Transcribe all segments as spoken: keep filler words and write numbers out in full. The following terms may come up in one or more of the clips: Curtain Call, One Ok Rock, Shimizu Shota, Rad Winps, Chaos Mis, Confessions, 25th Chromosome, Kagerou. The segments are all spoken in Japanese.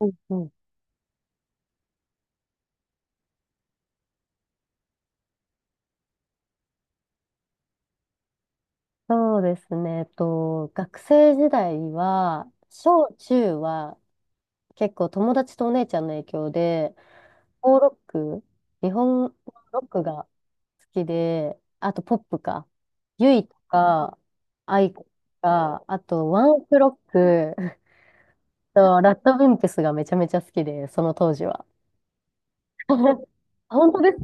うんうん、そうですね。えっと、学生時代は、小中は結構友達とお姉ちゃんの影響で、フォーロック、日本のロックが好きで、あとポップか。ユイとか、アイコとか、あとワンオクロック と、ラッドウィンプスがめちゃめちゃ好きで、その当時は。本当です。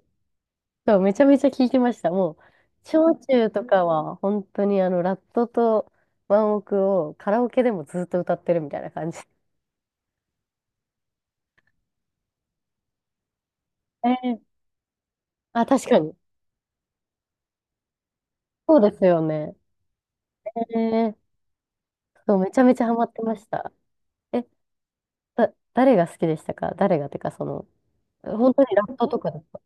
そう、めちゃめちゃ聞いてました。もう、小中とかは、本当にあの、ラットとワンオクをカラオケでもずっと歌ってるみたいな感じ。えー、あ、確かに。そうですよね。えー、そう、めちゃめちゃハマってました。え、だ、誰が好きでしたか？誰がてか、その、本当にラットとかだすか？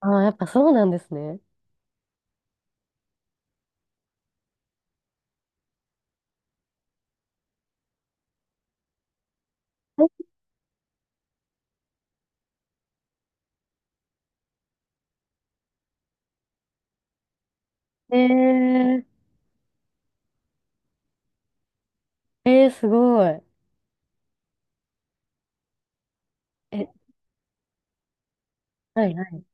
ああー、やっぱそうなんですね。えー、えー、すごい。え、はいはい。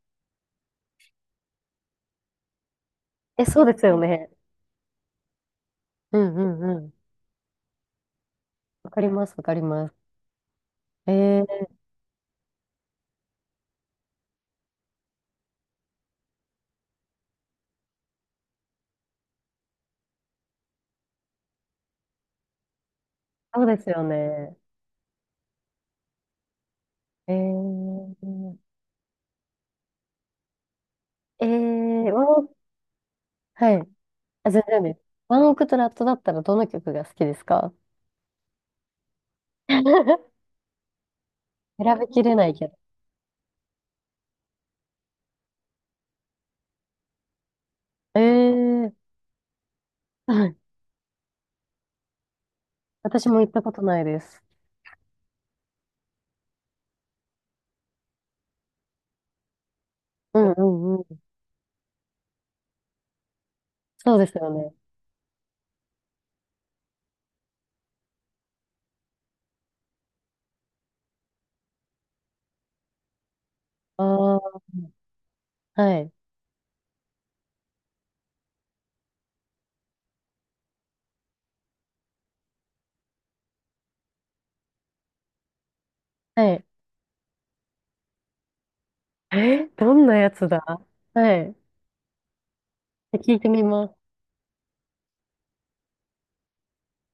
え、そうですよね。うんうんうん。わかります、わかります。えー、そうですよね。えー、えー、ワンオク、はい。あ、全然です。ワンオクとラットだったらどの曲が好きですか？ 選べきれないけど。えー、はい。私も行ったことないです。うんうんうん。そうですよね。ああ、はい。はい。えー、どんなやつだ。はい。聞いてみます。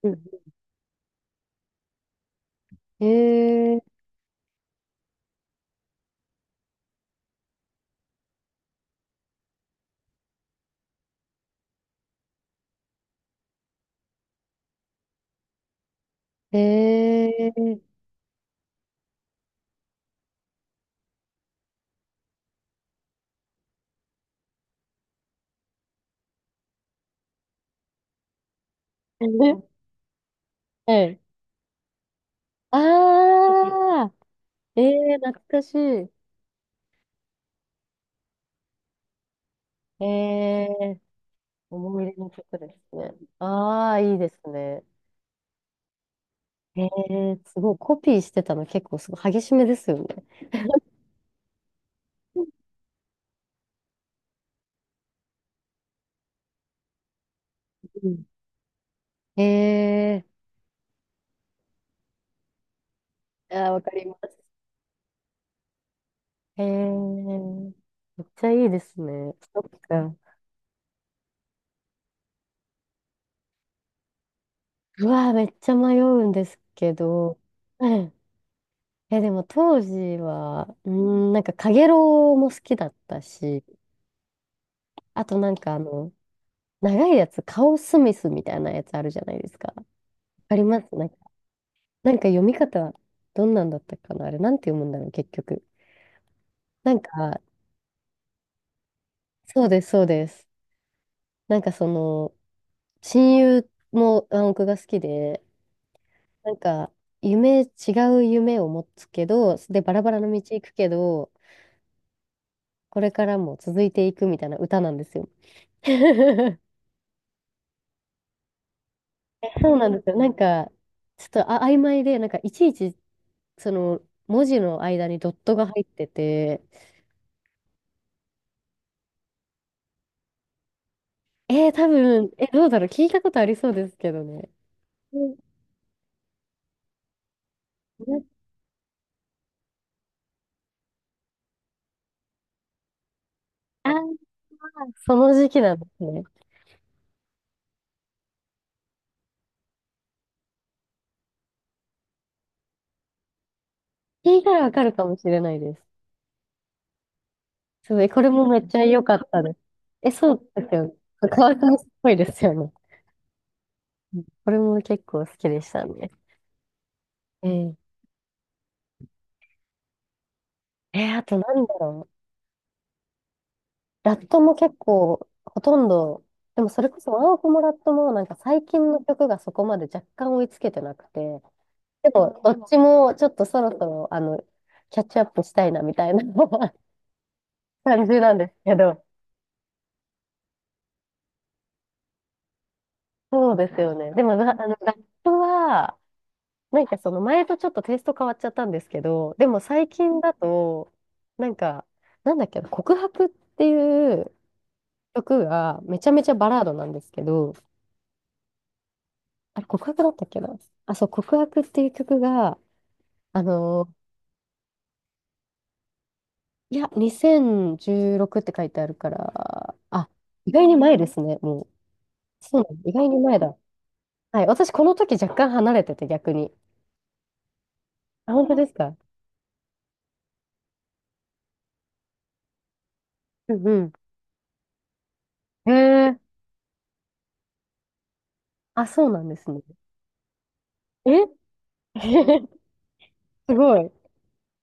うん、えー、えー、はい。ああ、えー、懐かしい。え、思い入れの曲ですね。ああ、いいですね。ええ、すごい。コピーしてたの結構すごい激しめですよね。うん、ええ、ああ、わかります。ええ、めっちゃいいですね。そっか。うわー、めっちゃ迷うんですけど。うん、え、でも当時は、うん、なんか、カゲロウも好きだったし、あとなんかあの、長いやつ、カオスミスみたいなやつあるじゃないですか。わかりますなんか、なんか読み方、どんなんだったかなあれ、なんて読むんだろう、結局。なんか、そうです、そうです。なんかその、親友も暗黙が好きで、なんか、夢、違う夢を持つけど、で、バラバラの道行くけど、これからも続いていくみたいな歌なんですよ。そうなんですよ。なんか、ちょっとあ曖昧で、なんか、いちいち、その、文字の間にドットが入ってて、えー、多分、え、どうだろう、聞いたことありそうですけどね。ああ、その時期なんですね。聞いたらわかるかもしれないです。すごい、これもめっちゃ良かったです。え、そうですよね。川上っぽいですよね。これも結構好きでしたね。ええ、えー、あとなんだろう。ラットも結構、ほとんど、でもそれこそワンオクもラットもなんか最近の曲がそこまで若干追いつけてなくて、でもどっちもちょっとそろそろ、あの、キャッチアップしたいなみたいな 感じなんですけど、そうですよね。でも、なあの、ラットは、なんかその前とちょっとテイスト変わっちゃったんですけど、でも最近だと、なんか、なんだっけな、告白っていう曲がめちゃめちゃバラードなんですけど、あれ告白だったっけな。あ、そう、告白っていう曲が、あのいや、にせんじゅうろくって書いてあるから、あ、意外に前ですね、もう。そうなの、意外に前だ。はい、私この時若干離れてて逆に。あ、本当ですか？うんうん。へえ。あ、そうなんですね。え、 すごい。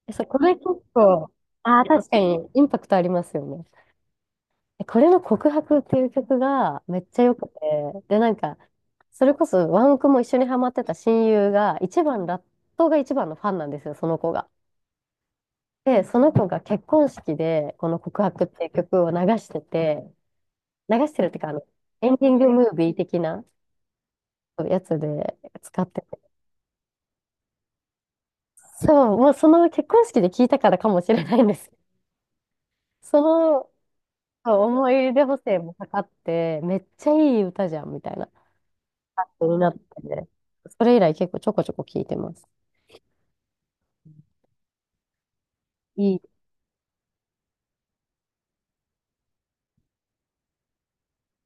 えそう、これ結構、ああ、確かにインパクトありますよね。え、これの告白っていう曲がめっちゃ良くて、で、なんか、それこそワンオクも一緒にハマってた親友が、一番、ラットが一番のファンなんですよ、その子が。で、その子が結婚式で、この告白っていう曲を流してて、流してるっていうか、あの、エンディングムービー的なやつで使ってて。そう、もうその結婚式で聞いたからかもしれないんです。そのそう思い入れ補正もかかって、めっちゃいい歌じゃんみたいな、になって、それ以来結構ちょこちょこ聞いてます。いい。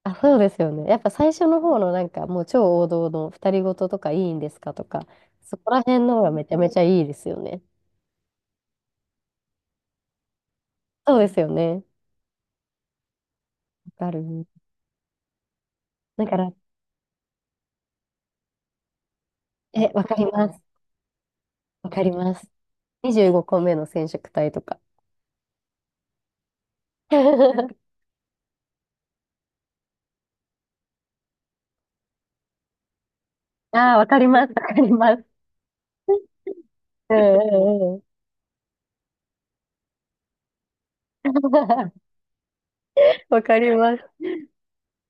あ、そうですよね。やっぱ最初の方のなんかもう超王道の「二人ごと」とかいいんですかとか、そこら辺の方がめちゃめちゃいいですよね。そうですよね。わかる。だから、え、わかります。わかります。にじゅうごこめの染色体とか。ああ、わかります。わかります。うんうんうん。わかります。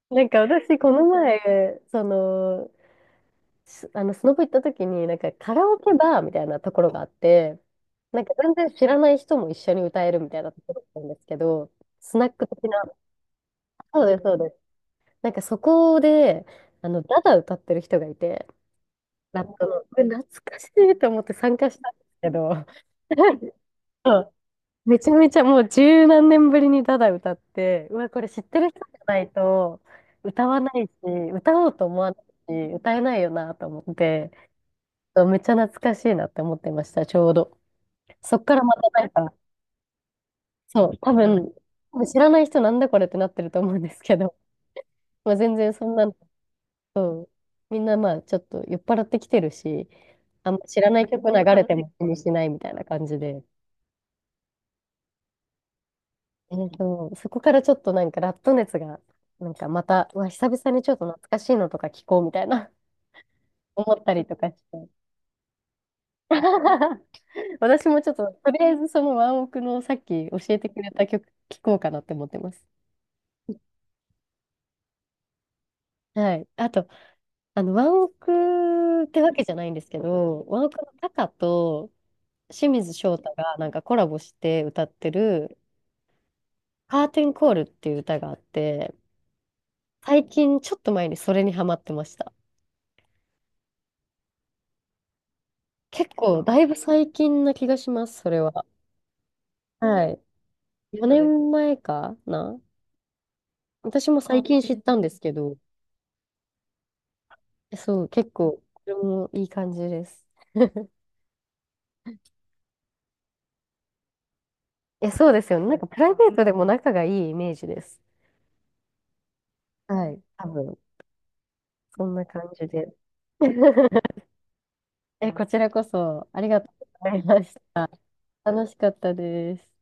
なんか私、この前、その、すあの、スノボ行った時に、なんかカラオケバーみたいなところがあって、なんか全然知らない人も一緒に歌えるみたいなところだったんですけど、スナック的な、そうです、そうです。なんかそこで、あの、ダダ歌ってる人がいて、ラップの、これ懐かしいと思って参加したんですけど、めちゃめちゃもう十何年ぶりにただ歌って、うわ、これ知ってる人じゃないと歌わないし、歌おうと思わないし、歌えないよなと思って、めっちゃ懐かしいなって思ってました、ちょうど。そっからまたなんか、そう、多分、多分知らない人なんだこれってなってると思うんですけど、まあ、全然そんなの、そうみんなまあちょっと酔っ払ってきてるし、あんま知らない曲流れても気にしないみたいな感じで、えーと、そこからちょっとなんかラット熱が、なんかまた、うわ、久々にちょっと懐かしいのとか聞こうみたいな 思ったりとかして。私もちょっと、とりあえずそのワンオクのさっき教えてくれた曲聞こうかなって思ってます。はい。あと、あの、ワンオクってわけじゃないんですけど、ワンオクのタカと清水翔太がなんかコラボして歌ってる、カーテンコールっていう歌があって、最近ちょっと前にそれにハマってました。結構、だいぶ最近な気がします、それは。はい。よねんまえかな。私も最近知ったんですけど、えそう、結構、これもいい感じです。え、そうですよね。なんか、プライベートでも仲がいいイメージです。はい。多分、そんな感じで。え、こちらこそ、ありがとうございました。楽しかったです。